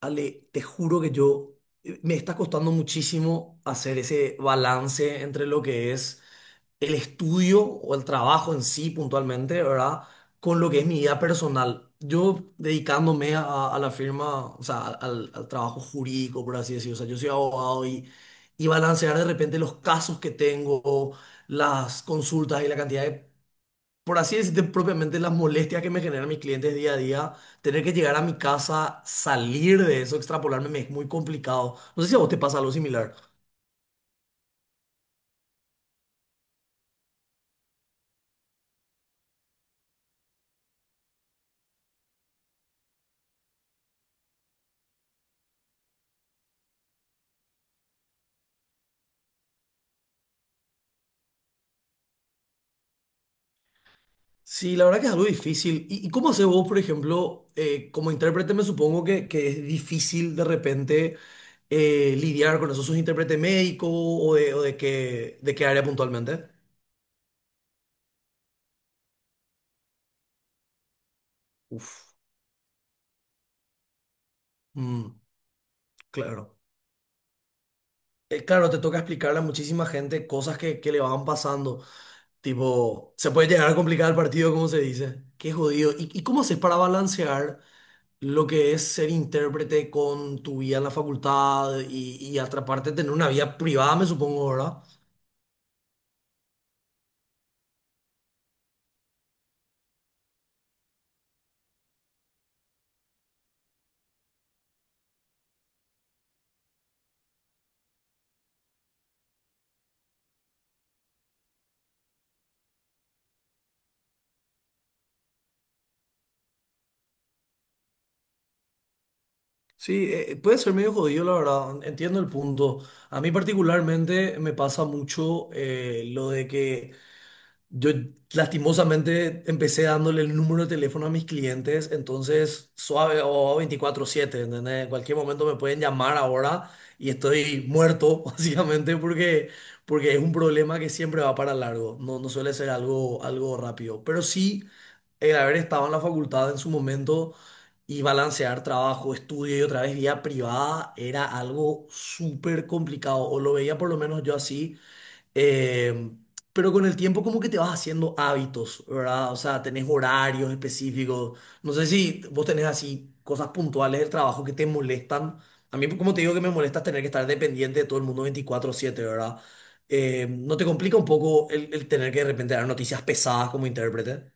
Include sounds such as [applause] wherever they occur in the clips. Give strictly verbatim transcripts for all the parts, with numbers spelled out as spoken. Ale, te juro que yo eh, me está costando muchísimo hacer ese balance entre lo que es el estudio o el trabajo en sí puntualmente, ¿verdad? Con lo que es mi vida personal. Yo dedicándome a, a la firma, o sea, al, al trabajo jurídico, por así decirlo. O sea, yo soy abogado y, y balancear de repente los casos que tengo, las consultas y la cantidad de, por así decirte, propiamente las molestias que me generan mis clientes día a día, tener que llegar a mi casa, salir de eso, extrapolarme, me es muy complicado. No sé si a vos te pasa algo similar. Sí, la verdad que es algo difícil. ¿Y, y cómo haces vos, por ejemplo, eh, como intérprete, me supongo que, que es difícil de repente eh, lidiar con eso? ¿Sos intérprete médico o de, o de qué, de qué área puntualmente? Uf, mm, claro. Eh, claro, te toca explicarle a muchísima gente cosas que, que le van pasando. Tipo, se puede llegar a complicar el partido, como se dice. Qué jodido. ¿Y, y cómo haces para balancear lo que es ser intérprete con tu vida en la facultad y, y atraparte tener una vida privada, me supongo, ¿verdad? Sí, eh, puede ser medio jodido, la verdad. Entiendo el punto. A mí particularmente me pasa mucho eh, lo de que Yo lastimosamente empecé dándole el número de teléfono a mis clientes, entonces suave o veinticuatro siete, ¿entendés? En cualquier momento me pueden llamar ahora y estoy muerto, [laughs] básicamente, porque, porque es un problema que siempre va para largo, no, no suele ser algo, algo rápido. Pero sí, el haber estado en la facultad en su momento y balancear trabajo, estudio y otra vez vida privada era algo súper complicado, o lo veía por lo menos yo así, eh, pero con el tiempo como que te vas haciendo hábitos, ¿verdad? O sea, tenés horarios específicos. No sé si vos tenés así cosas puntuales del trabajo que te molestan. A mí, como te digo, que me molesta tener que estar dependiente de todo el mundo veinticuatro siete, ¿verdad? Eh, ¿no te complica un poco el, el tener que de repente dar noticias pesadas como intérprete?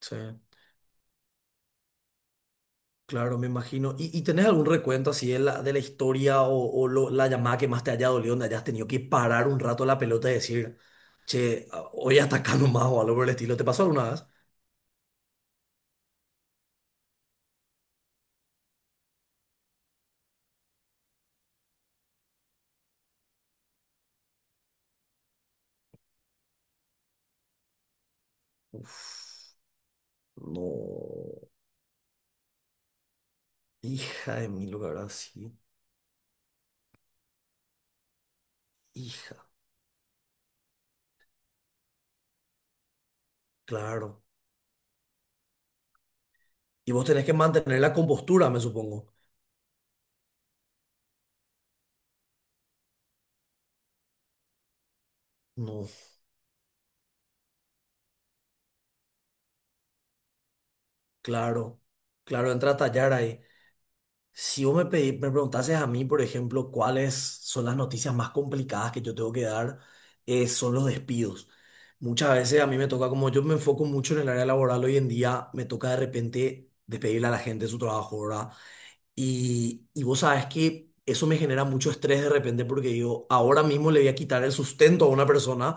Sí, claro, me imagino. ¿Y, y tenés algún recuento así de la, de la historia, o, o lo- la llamada que más te haya dolido, donde hayas tenido que parar un rato la pelota y decir... Che, a- hoy atacando más o algo por el estilo. ¿Te pasó alguna vez? Uf, no. Hija de mil, ¿verdad? Sí. Hija, claro. Y vos tenés que mantener la compostura, me supongo. No, claro. Claro, entra a tallar ahí. Si vos me pedí, me preguntases a mí, por ejemplo, cuáles son las noticias más complicadas que yo tengo que dar, eh, son los despidos. Muchas veces a mí me toca, como yo me enfoco mucho en el área laboral hoy en día, me toca de repente despedirle a la gente de su trabajo, ¿verdad? Y, y vos sabés que eso me genera mucho estrés de repente porque yo ahora mismo le voy a quitar el sustento a una persona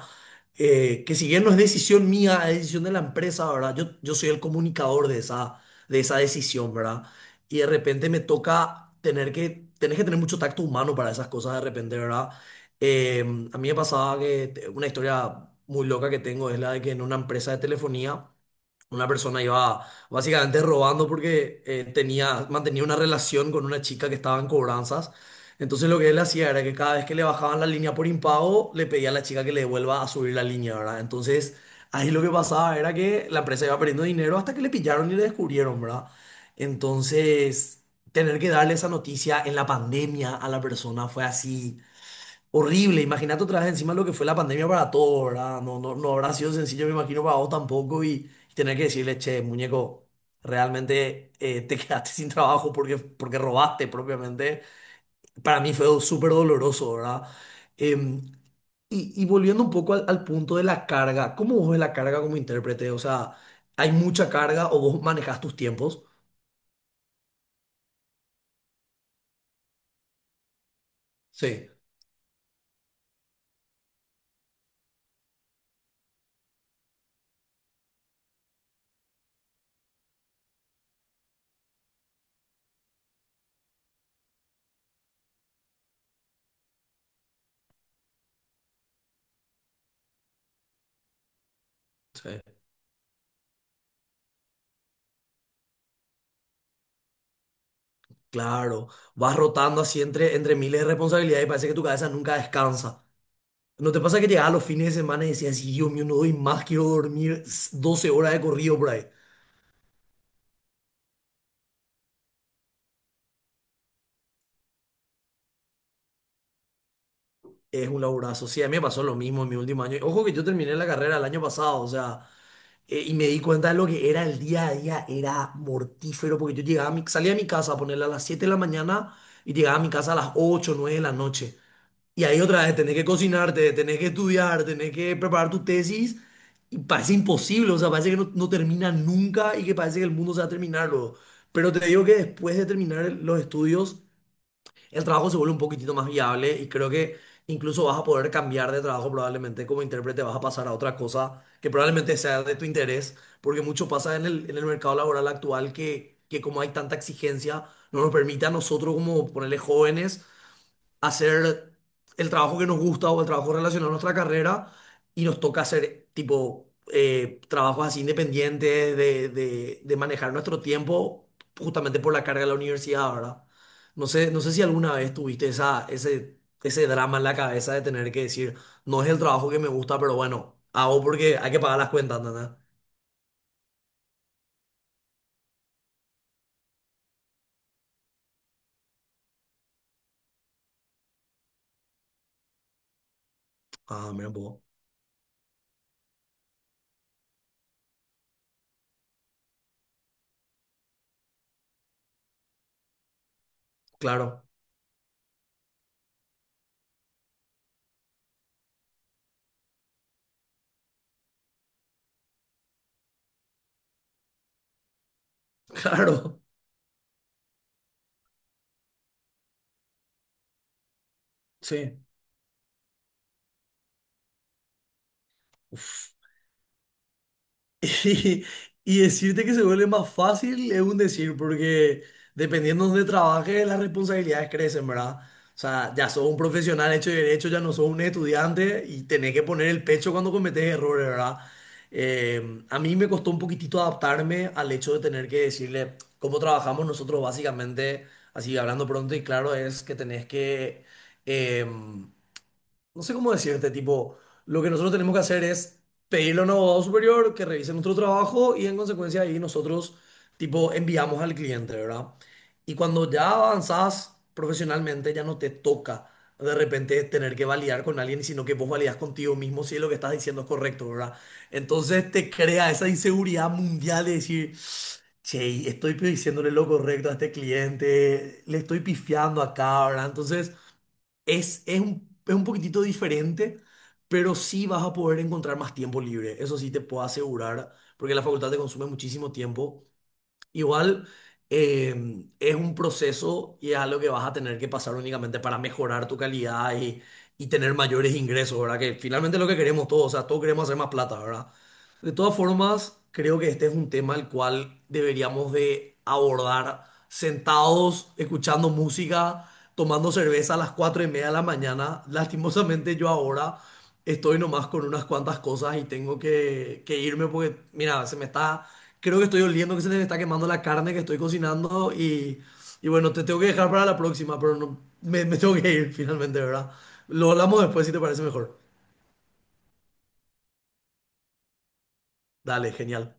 eh, que si bien no es decisión mía, es decisión de la empresa, ¿verdad? Yo, yo soy el comunicador de esa, de esa decisión, ¿verdad? Y de repente me toca tener que, tenés que tener mucho tacto humano para esas cosas de repente, ¿verdad? Eh, a mí me pasaba que te- una historia muy loca que tengo es la de que en una empresa de telefonía una persona iba básicamente robando porque eh, tenía, mantenía una relación con una chica que estaba en cobranzas. Entonces lo que él hacía era que cada vez que le bajaban la línea por impago, le pedía a la chica que le devuelva a subir la línea, ¿verdad? Entonces ahí lo que pasaba era que la empresa iba perdiendo dinero hasta que le pillaron y le descubrieron, ¿verdad? Entonces tener que darle esa noticia en la pandemia a la persona fue así horrible. Imagínate otra vez encima lo que fue la pandemia para todo, ¿verdad? No, no, no habrá sido sencillo, me imagino, para vos tampoco, y, y tener que decirle, che, muñeco, realmente eh, te [laughs] quedaste sin trabajo porque, porque robaste propiamente. Para mí fue do- súper doloroso, ¿verdad? Em, y, y volviendo un poco al, al punto de la carga, ¿cómo vos ves la carga como intérprete? O sea, ¿hay mucha carga o vos manejas tus tiempos? Sí, sí. Claro, vas rotando así entre, entre miles de responsabilidades y parece que tu cabeza nunca descansa. ¿No te pasa que llegaba los fines de semana y decías, "Sí, Dios mío, no doy más, quiero dormir doce horas de corrido por ahí"? Es un laburazo. Sí, a mí me pasó lo mismo en mi último año. Ojo que yo terminé la carrera el año pasado, o sea, eh, y me di cuenta de lo que era el día a día, era mortífero, porque yo llegaba a mi- salía de mi casa a ponerla a las siete de la mañana y llegaba a mi casa a las ocho, nueve de la noche. Y ahí otra vez tenés que cocinarte, tenés que estudiar, tenés que preparar tu tesis. Y parece imposible, o sea, parece que no, no termina nunca y que parece que el mundo se va a terminar luego. Pero te digo que después de terminar el- los estudios, el trabajo se vuelve un poquitito más viable y creo que incluso vas a poder cambiar de trabajo, probablemente como intérprete, vas a pasar a otra cosa que probablemente sea de tu interés, porque mucho pasa en el, en el mercado laboral actual que, que como hay tanta exigencia, no nos permite a nosotros como ponerle jóvenes hacer el trabajo que nos gusta o el trabajo relacionado a nuestra carrera, y nos toca hacer tipo eh, trabajos así independientes de, de- de manejar nuestro tiempo, justamente por la carga de la universidad, ¿verdad? No sé, no sé si alguna vez tuviste esa, ese, ese drama en la cabeza de tener que decir, no es el trabajo que me gusta, pero bueno, hago porque hay que pagar las cuentas, ¿entendés? Ah, mira, un poco. Claro, [laughs] claro. Sí. Uf. Y, y decirte que se vuelve más fácil es un decir, porque dependiendo de donde trabajes, las responsabilidades crecen, ¿verdad? O sea, ya sos un profesional hecho y derecho, ya no sos un estudiante y tenés que poner el pecho cuando cometes errores, ¿verdad? Eh, a mí me costó un poquitito adaptarme al hecho de tener que decirle cómo trabajamos nosotros básicamente, así hablando pronto y claro, es que tenés que... em, no sé cómo decirte, tipo, lo que nosotros tenemos que hacer es pedirle a un abogado superior que revise nuestro trabajo y en consecuencia ahí nosotros, tipo, enviamos al cliente, ¿verdad? Y cuando ya avanzás profesionalmente, ya no te toca de repente tener que validar con alguien, sino que vos validás contigo mismo si lo que estás diciendo es correcto, ¿verdad? Entonces te crea esa inseguridad mundial de decir, che, estoy diciéndole lo correcto a este cliente, le estoy pifiando acá, ¿verdad? Entonces... Es, es un, es un poquitito diferente, pero sí vas a poder encontrar más tiempo libre. Eso sí te puedo asegurar, porque la facultad te consume muchísimo tiempo. Igual eh, es un proceso y es algo que vas a tener que pasar únicamente para mejorar tu calidad y, y tener mayores ingresos, ¿verdad? Que finalmente es lo que queremos todos, o sea, todos queremos hacer más plata, ¿verdad? De todas formas, creo que este es un tema al cual deberíamos de abordar sentados, escuchando música, tomando cerveza a las cuatro y media de la mañana. Lastimosamente yo ahora estoy nomás con unas cuantas cosas y tengo que, que irme porque, mira, se me está, creo que estoy oliendo que se me está quemando la carne que estoy cocinando, y, y bueno, te tengo que dejar para la próxima, pero no, me, me tengo que ir [laughs] finalmente, ¿verdad? Lo hablamos después si te parece mejor. Dale, genial.